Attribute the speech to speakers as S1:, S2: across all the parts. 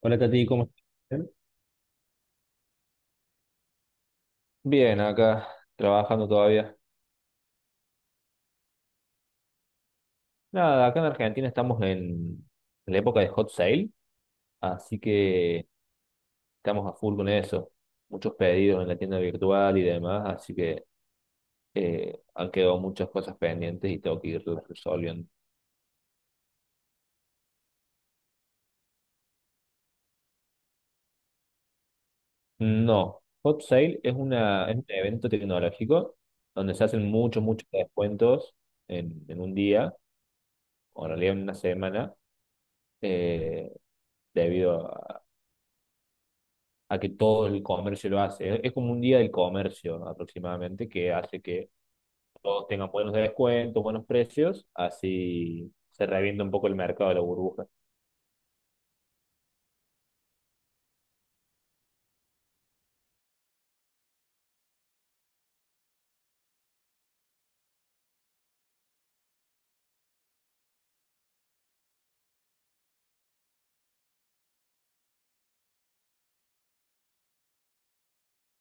S1: Hola Tati, ¿cómo estás? Bien, acá trabajando todavía. Nada, acá en Argentina estamos en la época de Hot Sale, así que estamos a full con eso. Muchos pedidos en la tienda virtual y demás, así que han quedado muchas cosas pendientes y tengo que irlas resolviendo. No, Hot Sale es una, es un evento tecnológico donde se hacen muchos, muchos descuentos en un día, o en realidad en una semana, eh, debido a que todo el comercio lo hace. Es como un día del comercio, ¿no? Aproximadamente que hace que todos tengan buenos descuentos, buenos precios, así se revienta un poco el mercado de la burbuja.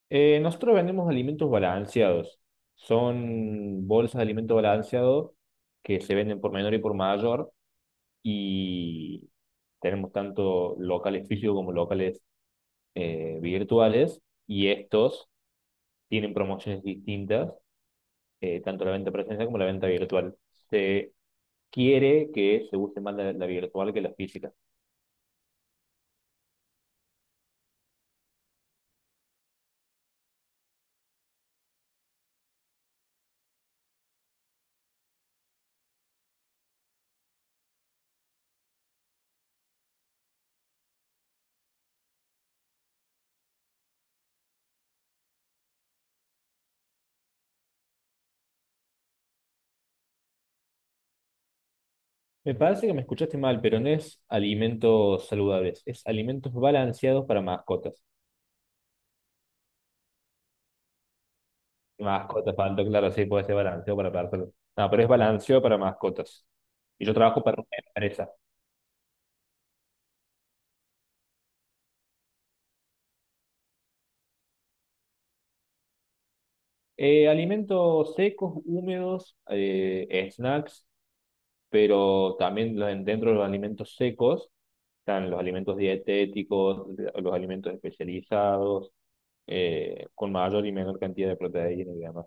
S1: Nosotros vendemos alimentos balanceados. Son bolsas de alimento balanceado que se venden por menor y por mayor y tenemos tanto locales físicos como locales virtuales, y estos tienen promociones distintas, tanto la venta presencial como la venta virtual. Se quiere que se use más la virtual que la física. Me parece que me escuchaste mal, pero no es alimentos saludables, es alimentos balanceados para mascotas. Mascotas, falta, claro, sí, puede ser balanceado para personas. No, pero es balanceado para mascotas. Y yo trabajo para una empresa. Alimentos secos, húmedos, snacks, pero también los- dentro de los alimentos secos están los alimentos dietéticos, los alimentos especializados, con mayor y menor cantidad de proteína y demás.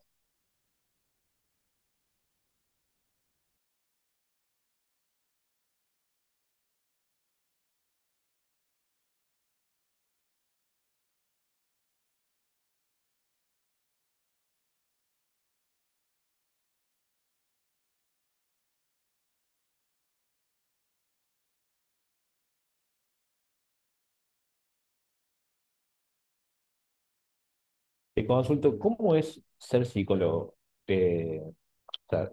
S1: Te consulto, ¿cómo es ser psicólogo? Eh, o sea,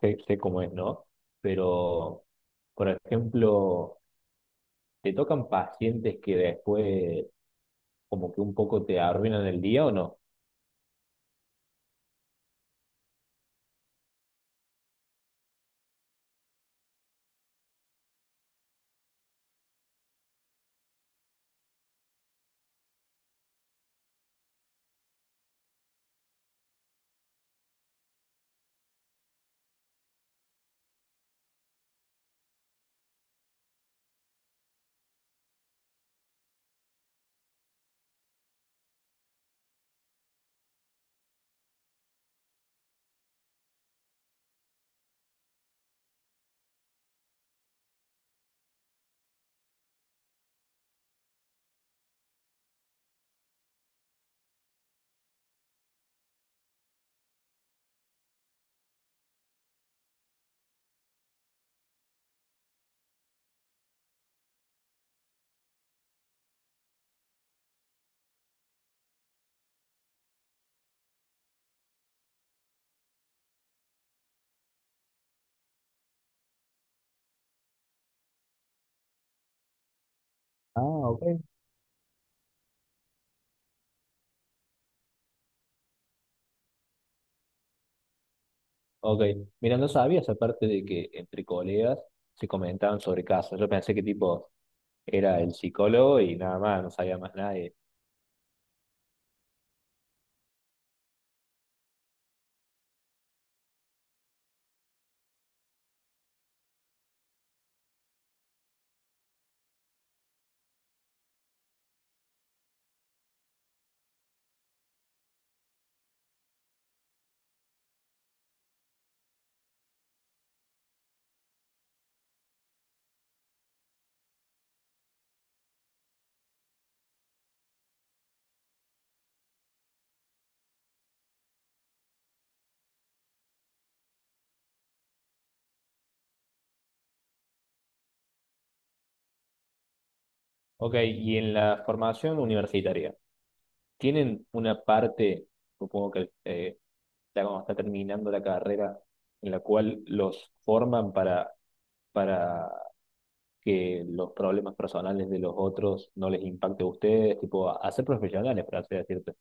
S1: sé, sé cómo es, ¿no? Pero, por ejemplo, ¿te tocan pacientes que después como que un poco te arruinan el día o no? Ah, ok. Ok, mira, no sabías aparte de que entre colegas se comentaban sobre casos. Yo pensé que tipo era el psicólogo y nada más, no sabía más nadie. Ok, ¿y en la formación universitaria tienen una parte, supongo, que ya cuando está terminando la carrera, en la cual los forman para que los problemas personales de los otros no les impacte a ustedes, tipo, a ser profesionales, por así decirte?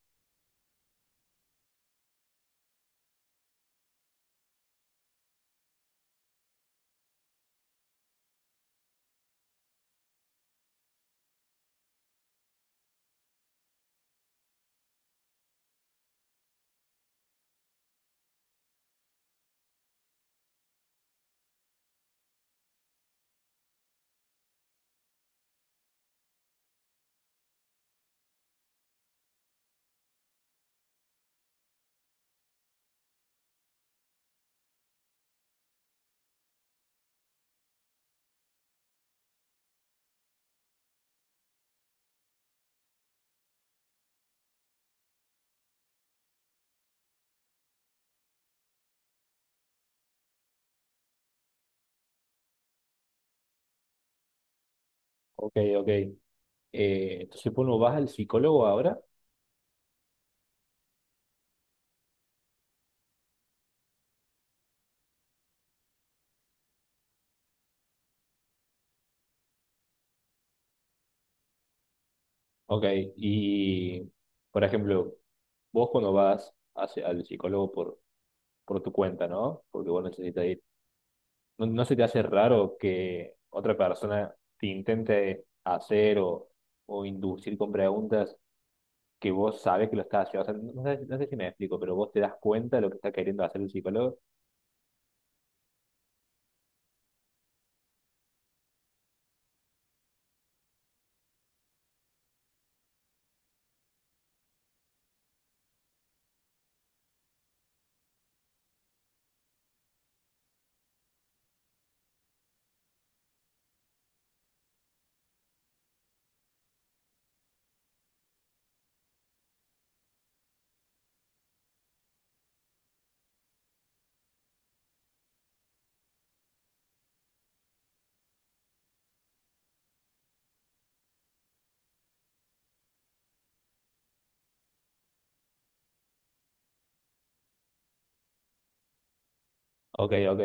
S1: Ok, ok. Entonces, uno vas al psicólogo ahora, ok, y, por ejemplo, vos cuando vas hacia, al psicólogo por tu cuenta, ¿no? Porque vos necesitas ir. ¿No no se te hace raro que otra persona te intente hacer o inducir con preguntas que vos sabes que lo estás haciendo? O sea, no sé, no sé si me explico, pero vos te das cuenta de lo que está queriendo hacer el psicólogo. Ok, ok.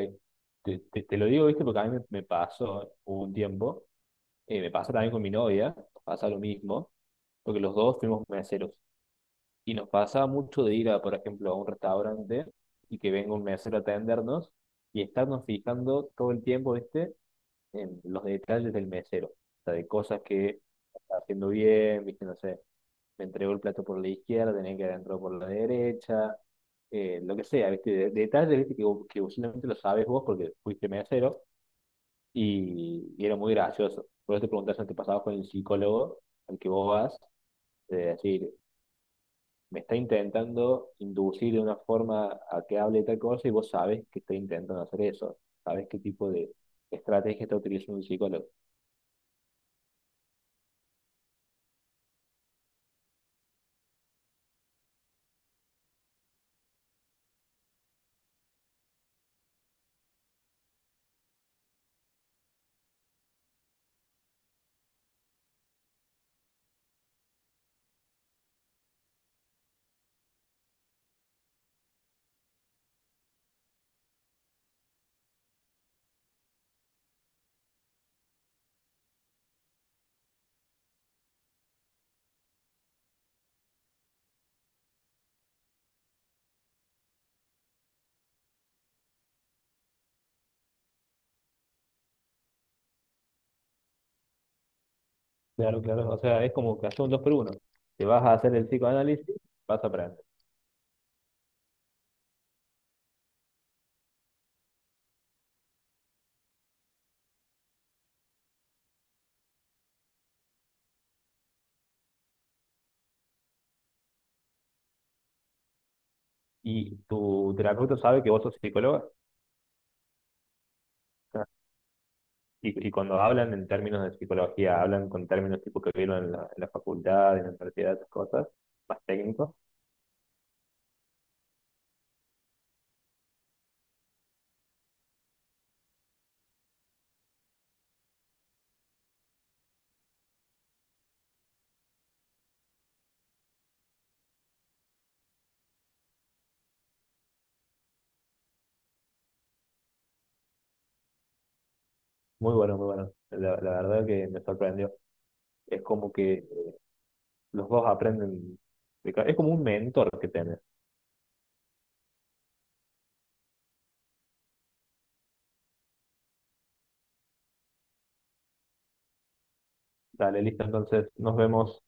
S1: Te lo digo, ¿viste? Porque a mí me pasó un tiempo, me pasa también con mi novia, pasa lo mismo, porque los dos fuimos meseros. Y nos pasaba mucho de ir a, por ejemplo, a un restaurante y que venga un mesero a atendernos y estarnos fijando todo el tiempo, ¿viste?, en los detalles del mesero. O sea, de cosas que está haciendo bien, viste, no sé, me entregó el plato por la izquierda, tenía que haber entrado por la derecha, lo que sea, viste, de- detalles, viste, que vos solamente lo sabes vos porque fuiste mesero, y era muy gracioso. Por eso te preguntas si te pasaba con el psicólogo al que vos vas, de decir, me está intentando inducir de una forma a que hable tal cosa y vos sabes que está intentando hacer eso, sabes qué tipo de estrategia está utilizando un psicólogo. Claro, claro. O sea, es como que hacer un dos por uno. Te vas a hacer el psicoanálisis, vas a aprender. Y tu terapeuta sabe que vos sos psicóloga. Ah. Y cuando hablan en términos de psicología, hablan con términos tipo que vieron en la facultad, en la universidad, esas cosas, más técnicos. Muy bueno, muy bueno. La verdad que me sorprendió. Es como que los dos aprenden. De ca- Es como un mentor que tenés. Dale, listo, entonces nos vemos.